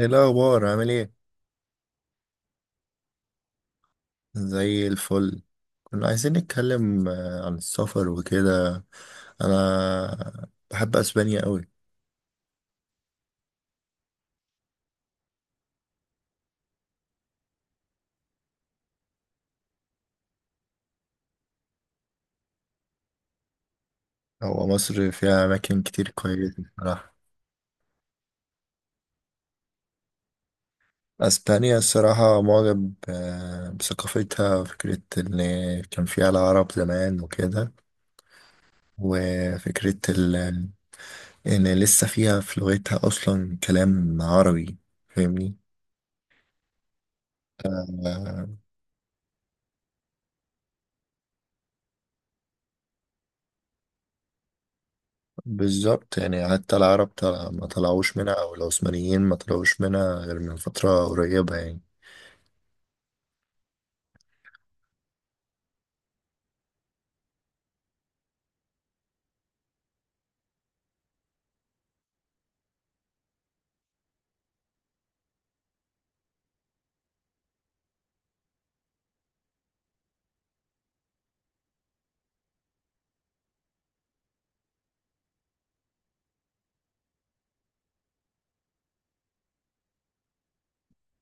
ايه الاخبار؟ عامل ايه؟ زي الفل. كنا عايزين نتكلم عن السفر وكده. انا بحب اسبانيا قوي. هو مصر فيها اماكن كتير كويسه بصراحه. اسبانيا الصراحه معجب بثقافتها. فكره ان كان فيها العرب زمان وكده، وفكره ال... ان لسه فيها في لغتها اصلا كلام عربي. فاهمني؟ آه، بالظبط يعني حتى العرب طلع ما طلعوش منها او العثمانيين ما طلعوش منها غير من فترة قريبة يعني.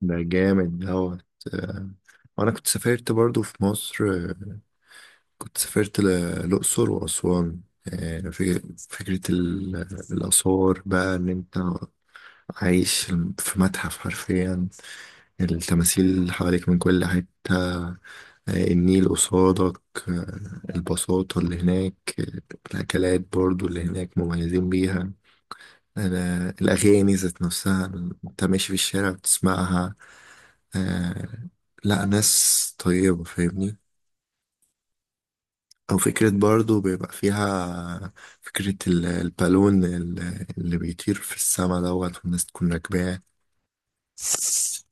ده جامد دوت. آه، وانا كنت سافرت برضو في مصر، كنت سافرت الأقصر وأسوان. في فكرة ال- الآثار، بقى إن أنت عايش في متحف حرفيا. التماثيل حواليك من كل حتة. النيل قصادك. البساطة اللي هناك. الأكلات برضو اللي هناك مميزين بيها. أنا الأغاني ذات نفسها، أنت ماشي في الشارع بتسمعها. آه، لا، ناس طيبة. فاهمني؟ أو فكرة برضو بيبقى فيها فكرة اللي بيطير في السما دوت، والناس تكون راكباه.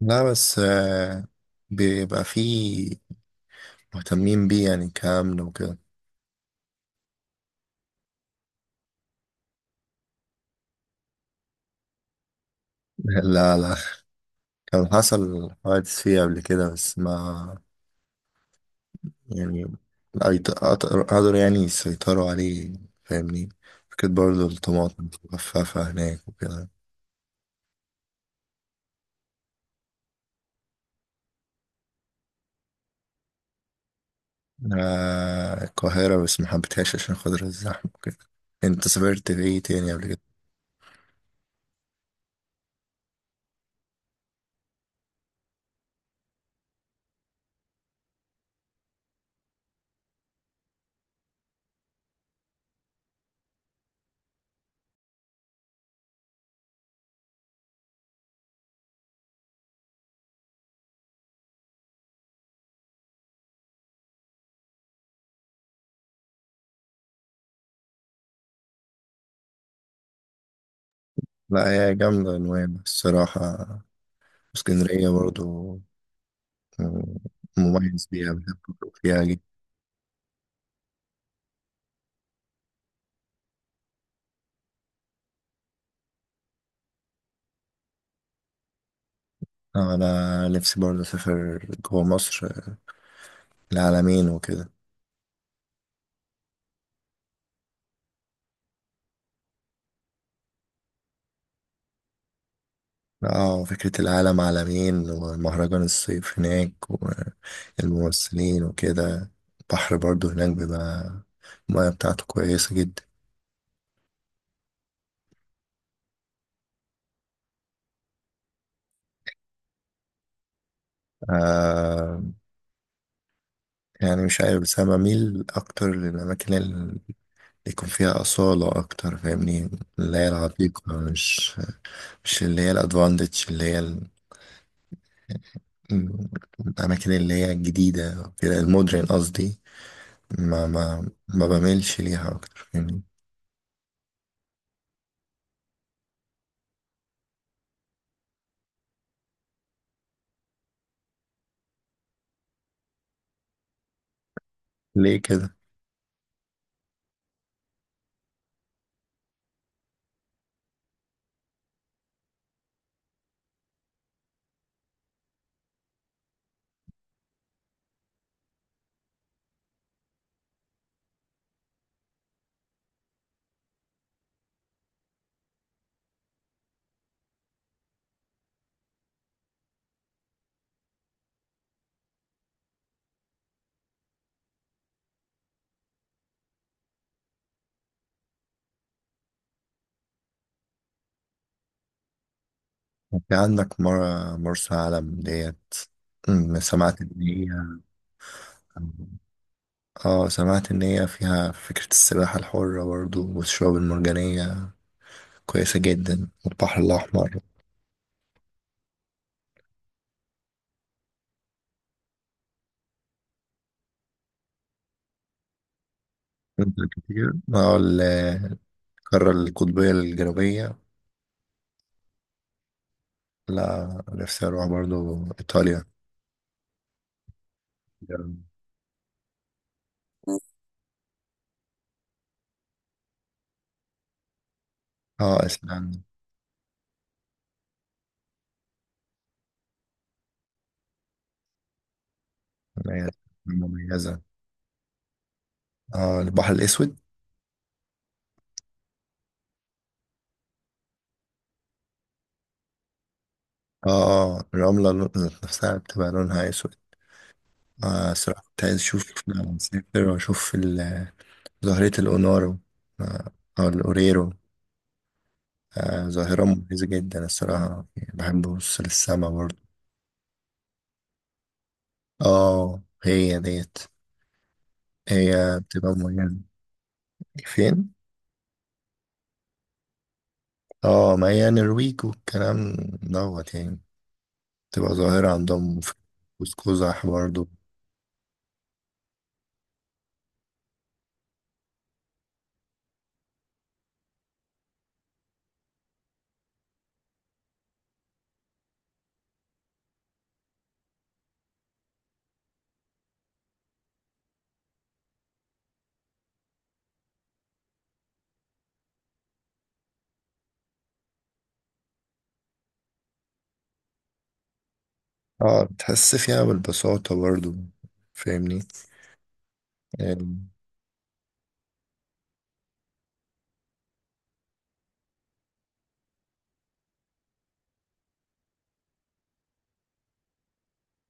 لا بس بيبقى فيه مهتمين بيه يعني كأمن وكده. لا لا، كان حصل حوادث فيه قبل كده بس ما يعني، أقدر قدروا يعني يسيطروا عليه. فاهمني؟ فكرة برضه الطماطم مخففة هناك وكده. القاهرة بس ما حبيتهاش عشان خاطر الزحمة وكده. انت سافرت في ايه تاني قبل كده؟ لا هي جامدة نويبع الصراحة. اسكندرية برضه آه، مميز بيها، بحب فيها. اه انا نفسي برضه اسافر جوه مصر. العلمين وكده. اه، فكرة العالم عالمين ومهرجان الصيف هناك والممثلين وكده. البحر برضه هناك بيبقى المياه بتاعته كويسة جدا. آه يعني مش عارف، بس أنا بميل أكتر للأماكن اللي يكون فيها أصالة أكتر. فاهمني؟ اللي هي العتيقة، مش مش اللي هي الأدفانتج اللي هي ال- الأماكن اللي هي الجديدة كده، المودرن قصدي، ما بميلش ليها أكتر يعني. ليه كده؟ في عندك مرة مرسى علم ديت. أمم، سمعت إن هي، اه سمعت إن هي فيها فكرة السباحة الحرة برضو والشعاب المرجانية كويسة جدا والبحر الأحمر. ممتع كتير. اه، القارة القطبية الجنوبية. لا نفسي أروح برضو إيطاليا. اه إسبانيا مميزة، مميزة. اه البحر الأسود. اه، اه نفسها بتبقى لونها أسود. آه الصراحة كنت عايز أشوف، أسافر وأشوف ظاهرة الأونارو، آه، أو الأوريرو. آه ظاهرة مميزة جدا الصراحة، يعني بحب أبص للسما برضه. اه هي ديت، هي بتبقى مميزة. فين؟ اه ما هي نرويج والكلام دوت يعني، بتبقى ظاهرة عندهم في قوس قزح برضه. اه بتحس فيها بالبساطة برضه. فاهمني؟ يعني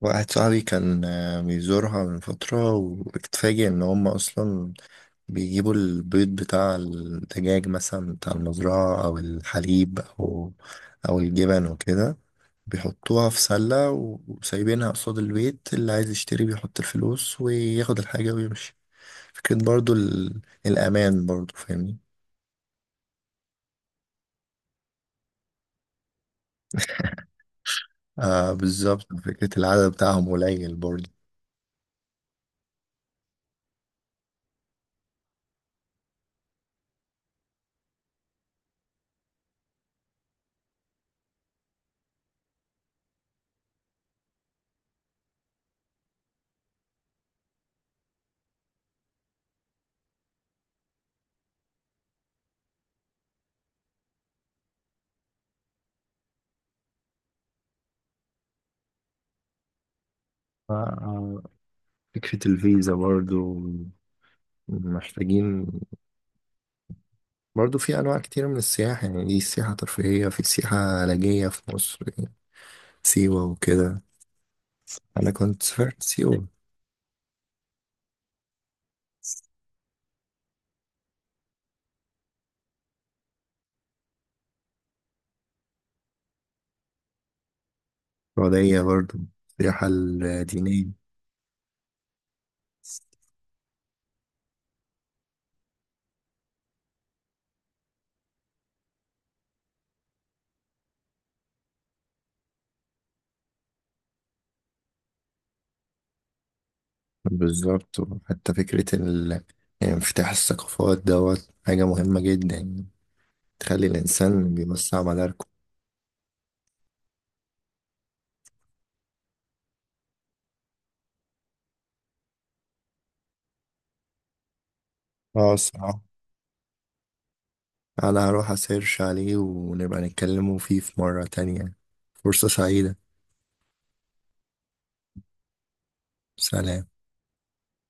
واحد صاحبي كان بيزورها من فترة واتفاجئ إن هم أصلا بيجيبوا البيض بتاع الدجاج مثلا بتاع المزرعة أو الحليب أو أو الجبن وكده، بيحطوها في سلة وسايبينها قصاد البيت، اللي عايز يشتري بيحط الفلوس وياخد الحاجة ويمشي. الأمان برضو. فاهمني؟ آه بالظبط، فكرة العدد بتاعهم قليل برضو. آه، آه، فكرة الفيزا برضو محتاجين. برضه في انواع كتير من السياحة، يعني دي سياحة ترفيهية، في سياحة علاجية في مصر، سيوة وكده. انا كنت سافرت سيوة. السعودية برضه السياحة الدينية. بالظبط. يعني انفتاح الثقافات دوت حاجة مهمة جدا، يعني تخلي الإنسان بيوسع مداركه. اه الصراحة. أنا هروح أسيرش عليه ونبقى نتكلموا فيه في مرة تانية. فرصة سعيدة. سلام.